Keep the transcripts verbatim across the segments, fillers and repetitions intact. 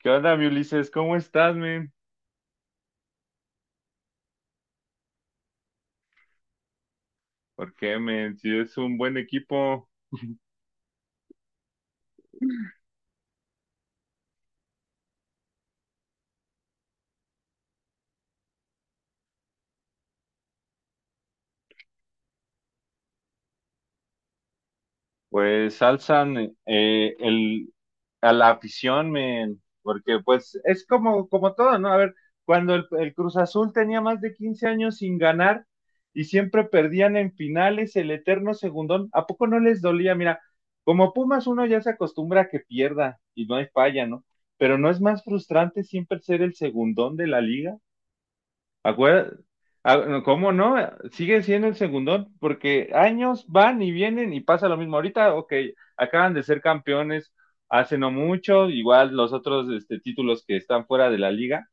¿Qué onda, mi Ulises? ¿Cómo estás, men? ¿Por qué, men? Si es un buen equipo, pues alzan eh, el, a la afición, men. Porque, pues, es como, como todo, ¿no? A ver, cuando el, el Cruz Azul tenía más de quince años sin ganar y siempre perdían en finales el eterno segundón, ¿a poco no les dolía? Mira, como Pumas uno ya se acostumbra a que pierda y no hay falla, ¿no? Pero ¿no es más frustrante siempre ser el segundón de la liga? Acuérdate, ah, no, ¿cómo no? Sigue siendo el segundón, porque años van y vienen y pasa lo mismo. Ahorita, ok, acaban de ser campeones hace no mucho. Igual los otros este, títulos que están fuera de la liga,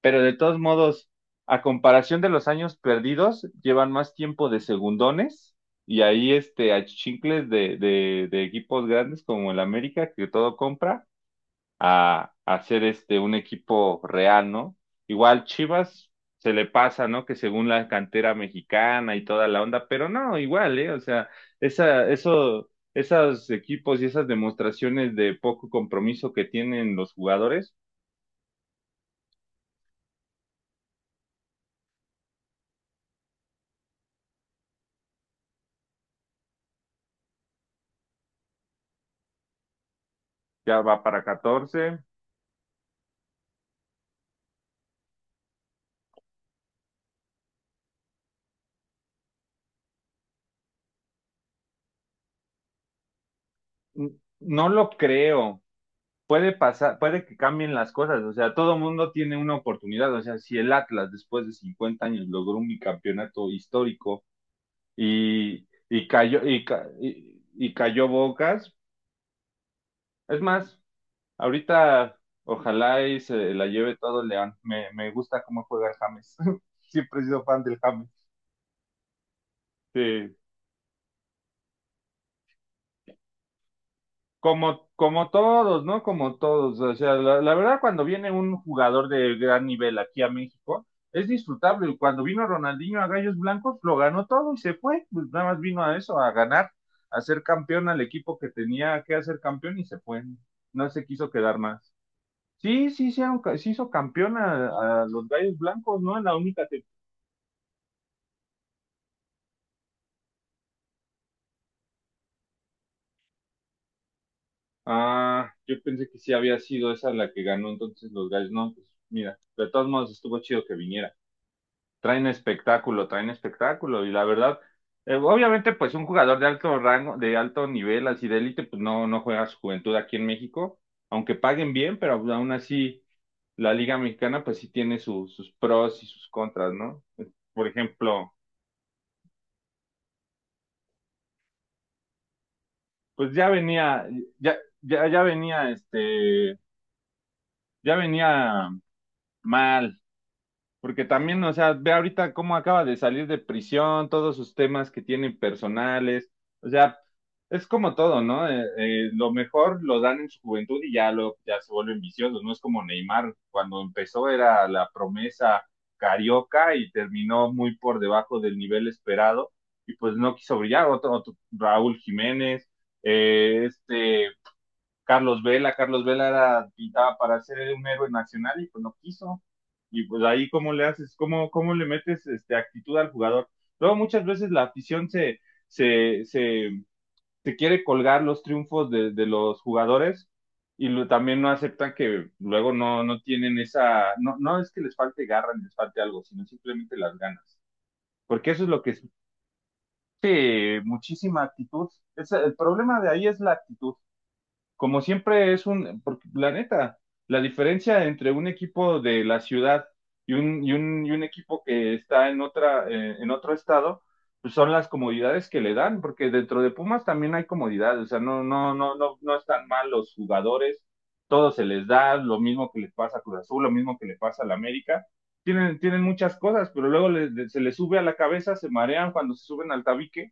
pero de todos modos, a comparación de los años perdidos, llevan más tiempo de segundones y ahí este, achichincles de, de, de equipos grandes como el América, que todo compra a, a ser este un equipo real, ¿no? Igual Chivas se le pasa, ¿no? Que según la cantera mexicana y toda la onda, pero no, igual, ¿eh? O sea, esa, eso, esos equipos y esas demostraciones de poco compromiso que tienen los jugadores. Ya va para catorce. No lo creo. Puede pasar, puede que cambien las cosas, o sea, todo mundo tiene una oportunidad. O sea, si el Atlas después de cincuenta años logró un bicampeonato histórico, y, y cayó, y, ca- y- y cayó Bocas. Es más, ahorita ojalá y se la lleve todo el León. Me, me gusta cómo juega el James. Siempre he sido fan del James. Sí. Como, como todos, ¿no? Como todos. O sea, la, la verdad, cuando viene un jugador de gran nivel aquí a México, es disfrutable. Cuando vino Ronaldinho a Gallos Blancos, lo ganó todo y se fue. Pues nada más vino a eso, a ganar, a ser campeón al equipo que tenía que hacer campeón y se fue. No se quiso quedar más. Sí, sí, sí, se hizo campeón a, a los Gallos Blancos, ¿no? En la única tem- Ah, yo pensé que sí había sido esa la que ganó entonces los Gallos. No, pues mira, de todos modos estuvo chido que viniera. Traen espectáculo, traen espectáculo. Y la verdad, eh, obviamente, pues un jugador de alto rango, de alto nivel, así de élite, pues no, no juega su juventud aquí en México, aunque paguen bien, pero aún así la Liga Mexicana, pues sí tiene su- sus pros y sus contras, ¿no? Por ejemplo, pues ya venía, ya, ya, ya venía, este, ya venía mal. Porque también, o sea, ve ahorita cómo acaba de salir de prisión, todos sus temas que tienen personales. O sea, es como todo, ¿no? Eh, eh, lo mejor lo dan en su juventud y ya, lo, ya se vuelven viciosos. No es como Neymar, cuando empezó era la promesa carioca y terminó muy por debajo del nivel esperado y pues no quiso brillar. Otro, otro Raúl Jiménez, eh, este Carlos Vela. Carlos Vela era, pintaba para ser un héroe nacional y pues no quiso. Y pues ahí cómo le haces, cómo, cómo le metes este, actitud al jugador. Luego muchas veces la afición se, se, se, se quiere colgar los triunfos de, de los jugadores y lo- también no aceptan que luego no, no tienen esa, no, no es que les falte garra ni les falte algo, sino simplemente las ganas. Porque eso es lo que es. Sí, muchísima actitud. Es, el problema de ahí es la actitud, como siempre es un, porque la neta, la diferencia entre un equipo de la ciudad y un, y un, y un equipo que está en otra, eh, en otro estado, pues son las comodidades que le dan, porque dentro de Pumas también hay comodidades, o sea, no, no, no, no, no están mal los jugadores, todo se les da, lo mismo que les pasa a Cruz Azul, lo mismo que le pasa a la América, tienen, tienen muchas cosas, pero luego le- se les sube a la cabeza, se marean cuando se suben al tabique,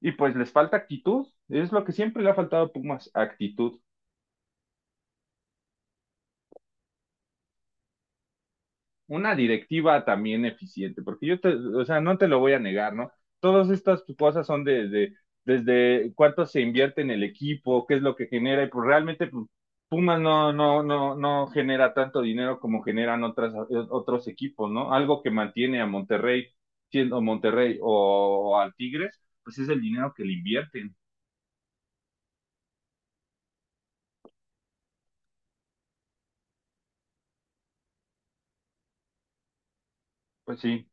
y pues les falta actitud, es lo que siempre le ha faltado a Pumas, actitud. Una directiva también eficiente, porque yo te, o sea, no te lo voy a negar, ¿no? Todas estas cosas son de, de- desde cuánto se invierte en el equipo, qué es lo que genera, y pues realmente pues, Pumas no, no, no, no genera tanto dinero como generan otras, otros equipos, ¿no? Algo que mantiene a Monterrey siendo Monterrey o, o al Tigres, pues es el dinero que le invierten. Pues sí.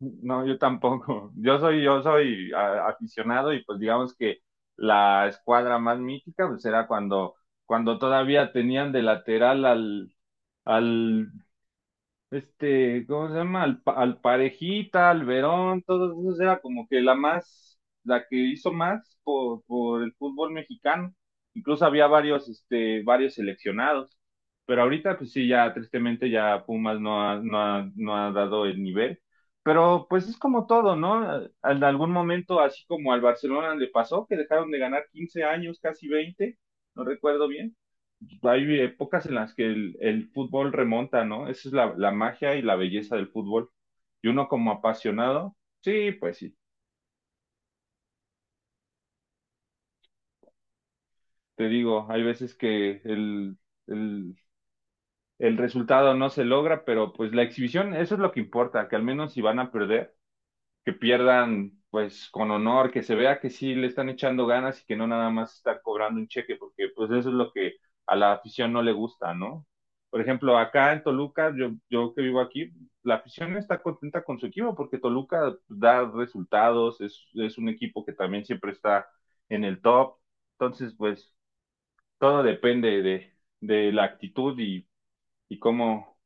No, yo tampoco. Yo soy, yo soy a- aficionado y pues digamos que la escuadra más mítica pues era cuando, cuando todavía tenían de lateral al, al este, ¿cómo se llama? Al, pa- al Parejita, al Verón, todos esos era como que la más, la que hizo más por, por el fútbol mexicano. Incluso había varios, este, varios seleccionados. Pero ahorita, pues sí, ya tristemente ya Pumas no ha, no ha, no ha dado el nivel. Pero pues es como todo, ¿no? En algún momento, así como al Barcelona le pasó, que dejaron de ganar quince años, casi veinte, no recuerdo bien. Hay épocas en las que el, el fútbol remonta, ¿no? Esa es la, la magia y la belleza del fútbol. Y uno como apasionado, sí, pues sí, te digo, hay veces que el, el, el resultado no se logra, pero pues la exhibición, eso es lo que importa, que al menos si van a perder, que pierdan pues con honor, que se vea que sí le están echando ganas y que no nada más estar cobrando un cheque, porque pues eso es lo que a la afición no le gusta, ¿no? Por ejemplo, acá en Toluca, yo, yo que vivo aquí, la afición está contenta con su equipo porque Toluca da resultados, es, es un equipo que también siempre está en el top, entonces pues todo depende de, de la actitud y, y cómo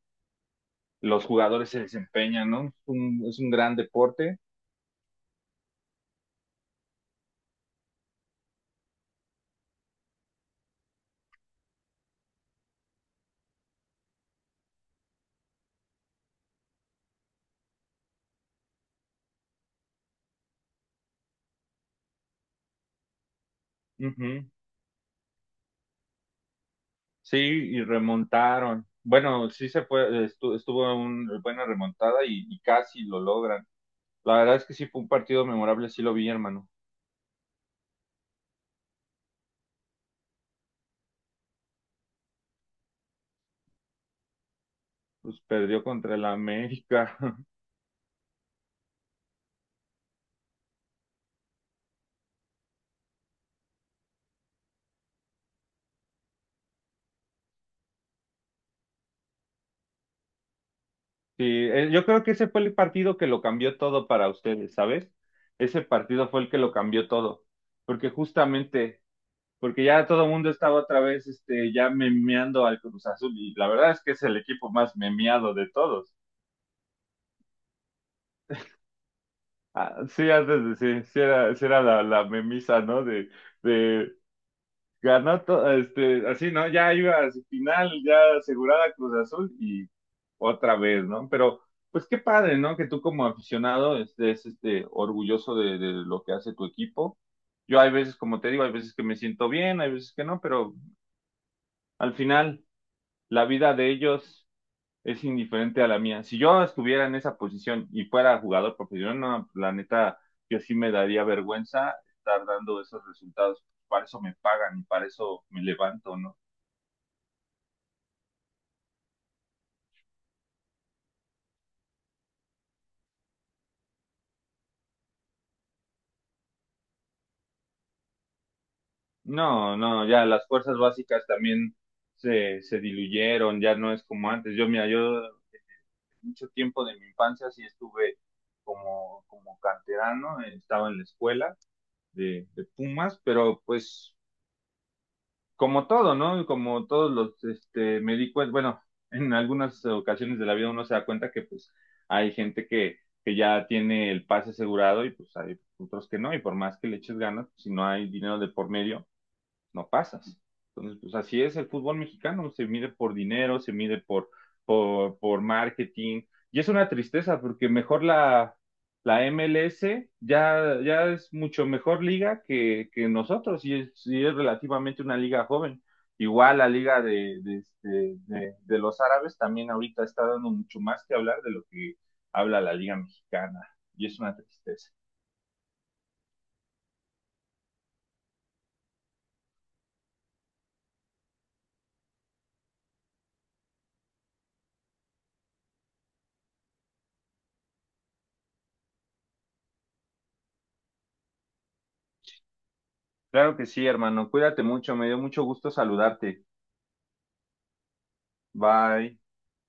los jugadores se desempeñan, ¿no? Es un, es un gran deporte. Ujú. Sí, y remontaron. Bueno, sí se fue, estu- estuvo una buena remontada y, y casi lo logran. La verdad es que sí fue un partido memorable, sí lo vi, hermano. Pues perdió contra el América. Sí, eh, yo creo que ese fue el partido que lo cambió todo para ustedes, ¿sabes? Ese partido fue el que lo cambió todo. Porque justamente, porque ya todo el mundo estaba otra vez, este, ya memeando al Cruz Azul. Y la verdad es que es el equipo más memeado de todos. Ah, sí, antes de sí, sí era, sí era la, la memisa, ¿no? De, de ganó todo, este, así, ¿no? Ya iba a su final, ya asegurada Cruz Azul y otra vez, ¿no? Pero, pues qué padre, ¿no? Que tú como aficionado estés, este, orgulloso de, de lo que hace tu equipo. Yo hay veces, como te digo, hay veces que me siento bien, hay veces que no, pero al final la vida de ellos es indiferente a la mía. Si yo no estuviera en esa posición y fuera jugador profesional, no, la neta, yo sí me daría vergüenza estar dando esos resultados. Para eso me pagan y para eso me levanto, ¿no? No, no, ya las fuerzas básicas también se, se diluyeron, ya no es como antes. Yo, mira, yo mucho tiempo de mi infancia sí estuve como, como canterano, eh, estaba en la escuela de, de Pumas, pero pues como todo, ¿no? Como todos los, este, me di cuenta, bueno, en algunas ocasiones de la vida uno se da cuenta que pues hay gente que, que ya tiene el pase asegurado y pues hay otros que no, y por más que le eches ganas, pues, si no hay dinero de por medio, no pasas. Entonces, pues así es el fútbol mexicano, se mide por dinero, se mide por, por, por marketing, y es una tristeza porque mejor la, la M L S ya, ya es mucho mejor liga que, que nosotros y es, y es relativamente una liga joven. Igual la liga de, de, de, de- de los árabes también ahorita está dando mucho más que hablar de lo que habla la liga mexicana y es una tristeza. Claro que sí, hermano, cuídate mucho, me dio mucho gusto saludarte. Bye.